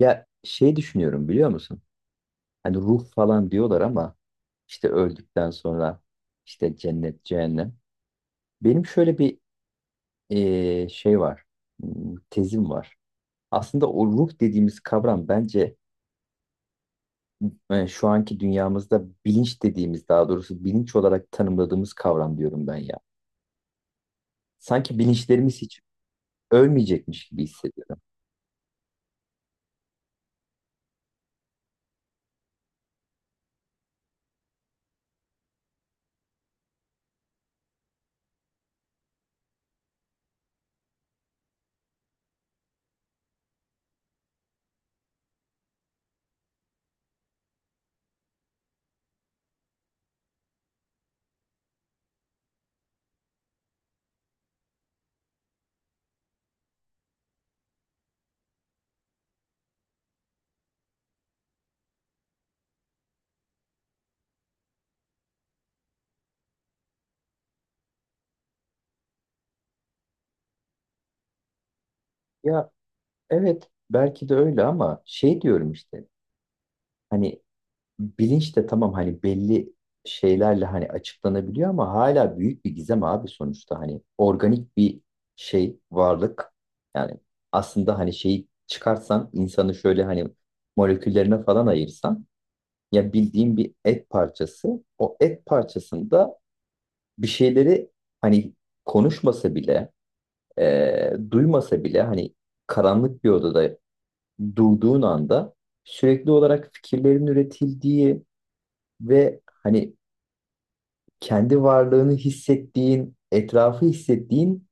Ya şey düşünüyorum biliyor musun? Hani ruh falan diyorlar ama işte öldükten sonra işte cennet, cehennem. Benim şöyle bir şey var, tezim var. Aslında o ruh dediğimiz kavram bence şu anki dünyamızda bilinç dediğimiz, daha doğrusu bilinç olarak tanımladığımız kavram diyorum ben ya. Sanki bilinçlerimiz hiç ölmeyecekmiş gibi hissediyorum. Ya evet, belki de öyle ama şey diyorum işte, hani bilinç de tamam, hani belli şeylerle hani açıklanabiliyor ama hala büyük bir gizem abi. Sonuçta hani organik bir şey, varlık, yani aslında hani şeyi çıkarsan, insanı şöyle hani moleküllerine falan ayırsan ya, bildiğin bir et parçası. O et parçasında bir şeyleri hani konuşmasa bile, duymasa bile, hani karanlık bir odada durduğun anda sürekli olarak fikirlerin üretildiği ve hani kendi varlığını hissettiğin, etrafı hissettiğin,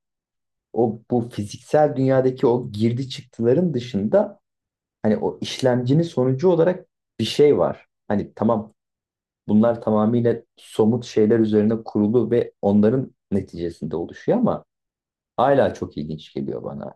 o bu fiziksel dünyadaki o girdi çıktıların dışında hani o işlemcinin sonucu olarak bir şey var. Hani tamam, bunlar tamamıyla somut şeyler üzerine kurulu ve onların neticesinde oluşuyor ama hala çok ilginç geliyor bana.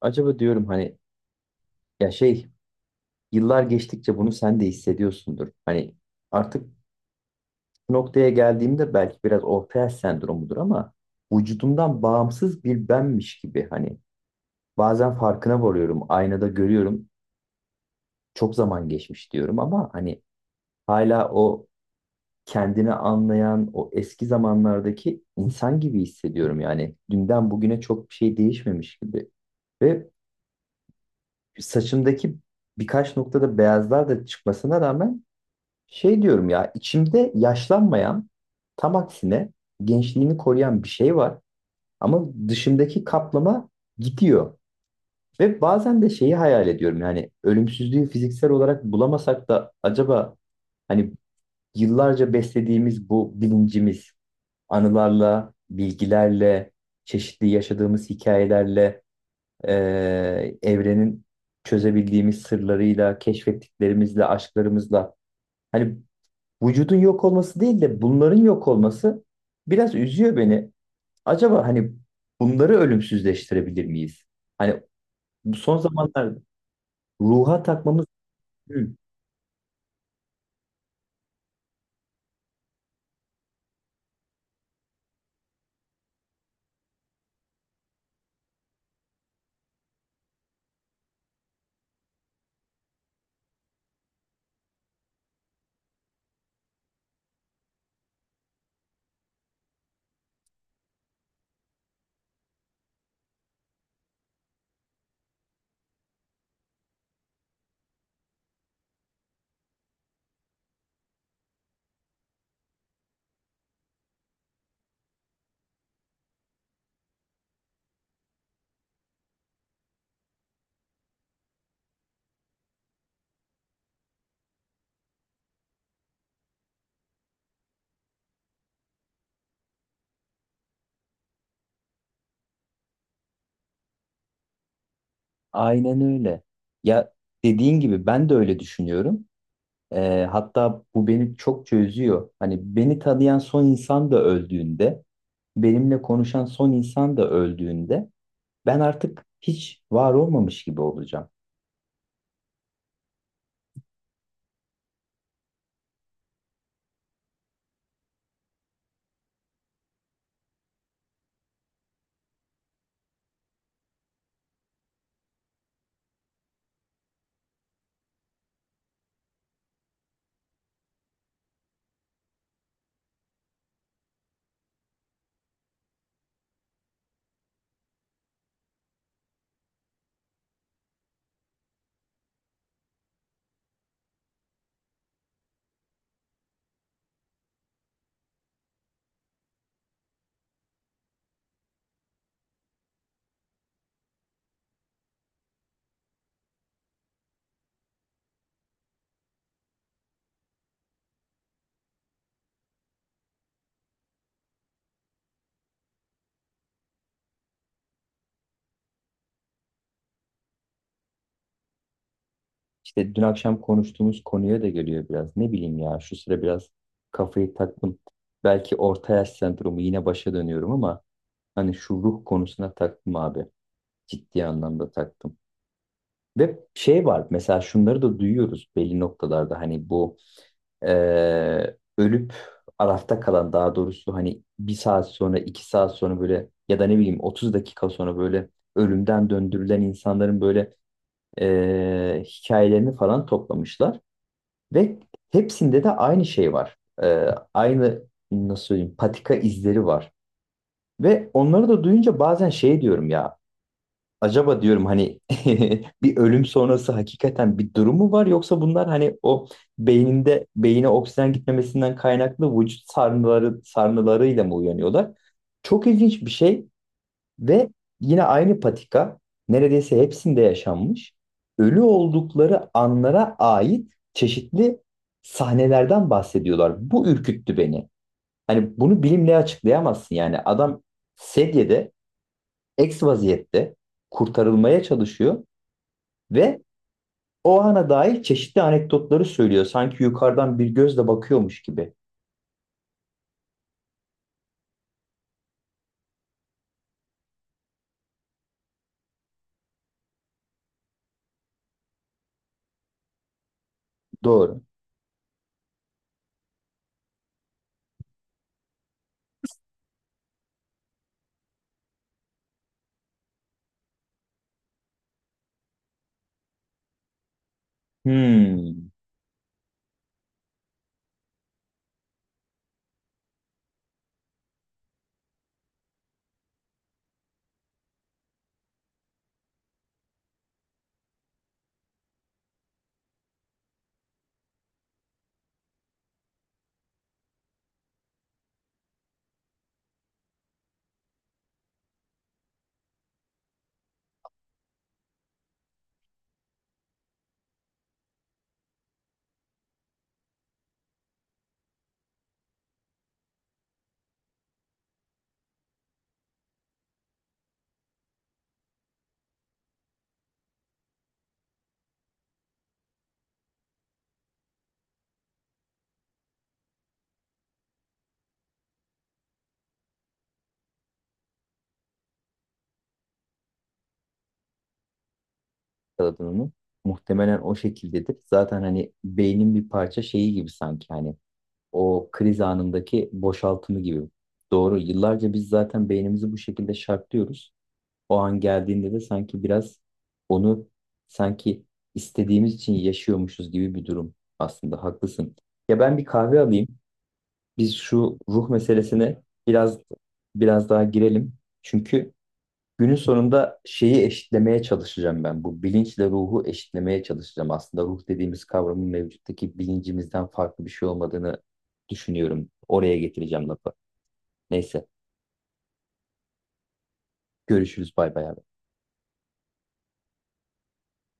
Acaba diyorum hani, ya şey, yıllar geçtikçe bunu sen de hissediyorsundur. Hani artık noktaya geldiğimde belki biraz ortaya sendromudur ama vücudumdan bağımsız bir benmiş gibi hani bazen farkına varıyorum, aynada görüyorum, çok zaman geçmiş diyorum ama hani hala o kendini anlayan o eski zamanlardaki insan gibi hissediyorum yani, dünden bugüne çok bir şey değişmemiş gibi. Ve saçımdaki birkaç noktada beyazlar da çıkmasına rağmen şey diyorum ya, içimde yaşlanmayan, tam aksine gençliğini koruyan bir şey var. Ama dışındaki kaplama gidiyor. Ve bazen de şeyi hayal ediyorum, yani ölümsüzlüğü fiziksel olarak bulamasak da acaba hani yıllarca beslediğimiz bu bilincimiz, anılarla, bilgilerle, çeşitli yaşadığımız hikayelerle, evrenin çözebildiğimiz sırlarıyla, keşfettiklerimizle, aşklarımızla, hani vücudun yok olması değil de bunların yok olması biraz üzüyor beni. Acaba hani bunları ölümsüzleştirebilir miyiz? Hani bu son zamanlarda ruha takmamız mümkün. Aynen öyle. Ya dediğin gibi ben de öyle düşünüyorum. Hatta bu beni çokça üzüyor. Hani beni tanıyan son insan da öldüğünde, benimle konuşan son insan da öldüğünde ben artık hiç var olmamış gibi olacağım. İşte dün akşam konuştuğumuz konuya da geliyor biraz. Ne bileyim ya, şu sıra biraz kafayı taktım. Belki orta yaş sendromu, yine başa dönüyorum ama hani şu ruh konusuna taktım abi. Ciddi anlamda taktım. Ve şey var mesela, şunları da duyuyoruz belli noktalarda hani bu ölüp arafta kalan, daha doğrusu hani bir saat sonra, iki saat sonra böyle, ya da ne bileyim, 30 dakika sonra böyle ölümden döndürülen insanların böyle hikayelerini falan toplamışlar. Ve hepsinde de aynı şey var. Aynı, nasıl söyleyeyim, patika izleri var. Ve onları da duyunca bazen şey diyorum ya, acaba diyorum hani bir ölüm sonrası hakikaten bir durum mu var, yoksa bunlar hani o beyine oksijen gitmemesinden kaynaklı vücut sarnılarıyla mı uyanıyorlar? Çok ilginç bir şey. Ve yine aynı patika neredeyse hepsinde yaşanmış. Ölü oldukları anlara ait çeşitli sahnelerden bahsediyorlar. Bu ürküttü beni. Hani bunu bilimle açıklayamazsın yani. Adam sedyede, eks vaziyette kurtarılmaya çalışıyor. Ve o ana dair çeşitli anekdotları söylüyor, sanki yukarıdan bir gözle bakıyormuş gibi. Doğru. Hmm. Yakaladın onu. Muhtemelen o şekildedir. Zaten hani beynin bir parça şeyi gibi, sanki hani o kriz anındaki boşaltımı gibi. Doğru. Yıllarca biz zaten beynimizi bu şekilde şartlıyoruz. O an geldiğinde de sanki biraz onu, sanki istediğimiz için yaşıyormuşuz gibi bir durum. Aslında haklısın. Ya ben bir kahve alayım. Biz şu ruh meselesine biraz daha girelim. Çünkü günün sonunda şeyi eşitlemeye çalışacağım ben. Bu bilinçle ruhu eşitlemeye çalışacağım. Aslında ruh dediğimiz kavramın mevcuttaki bilincimizden farklı bir şey olmadığını düşünüyorum. Oraya getireceğim lafı. Neyse, görüşürüz. Bay bay abi.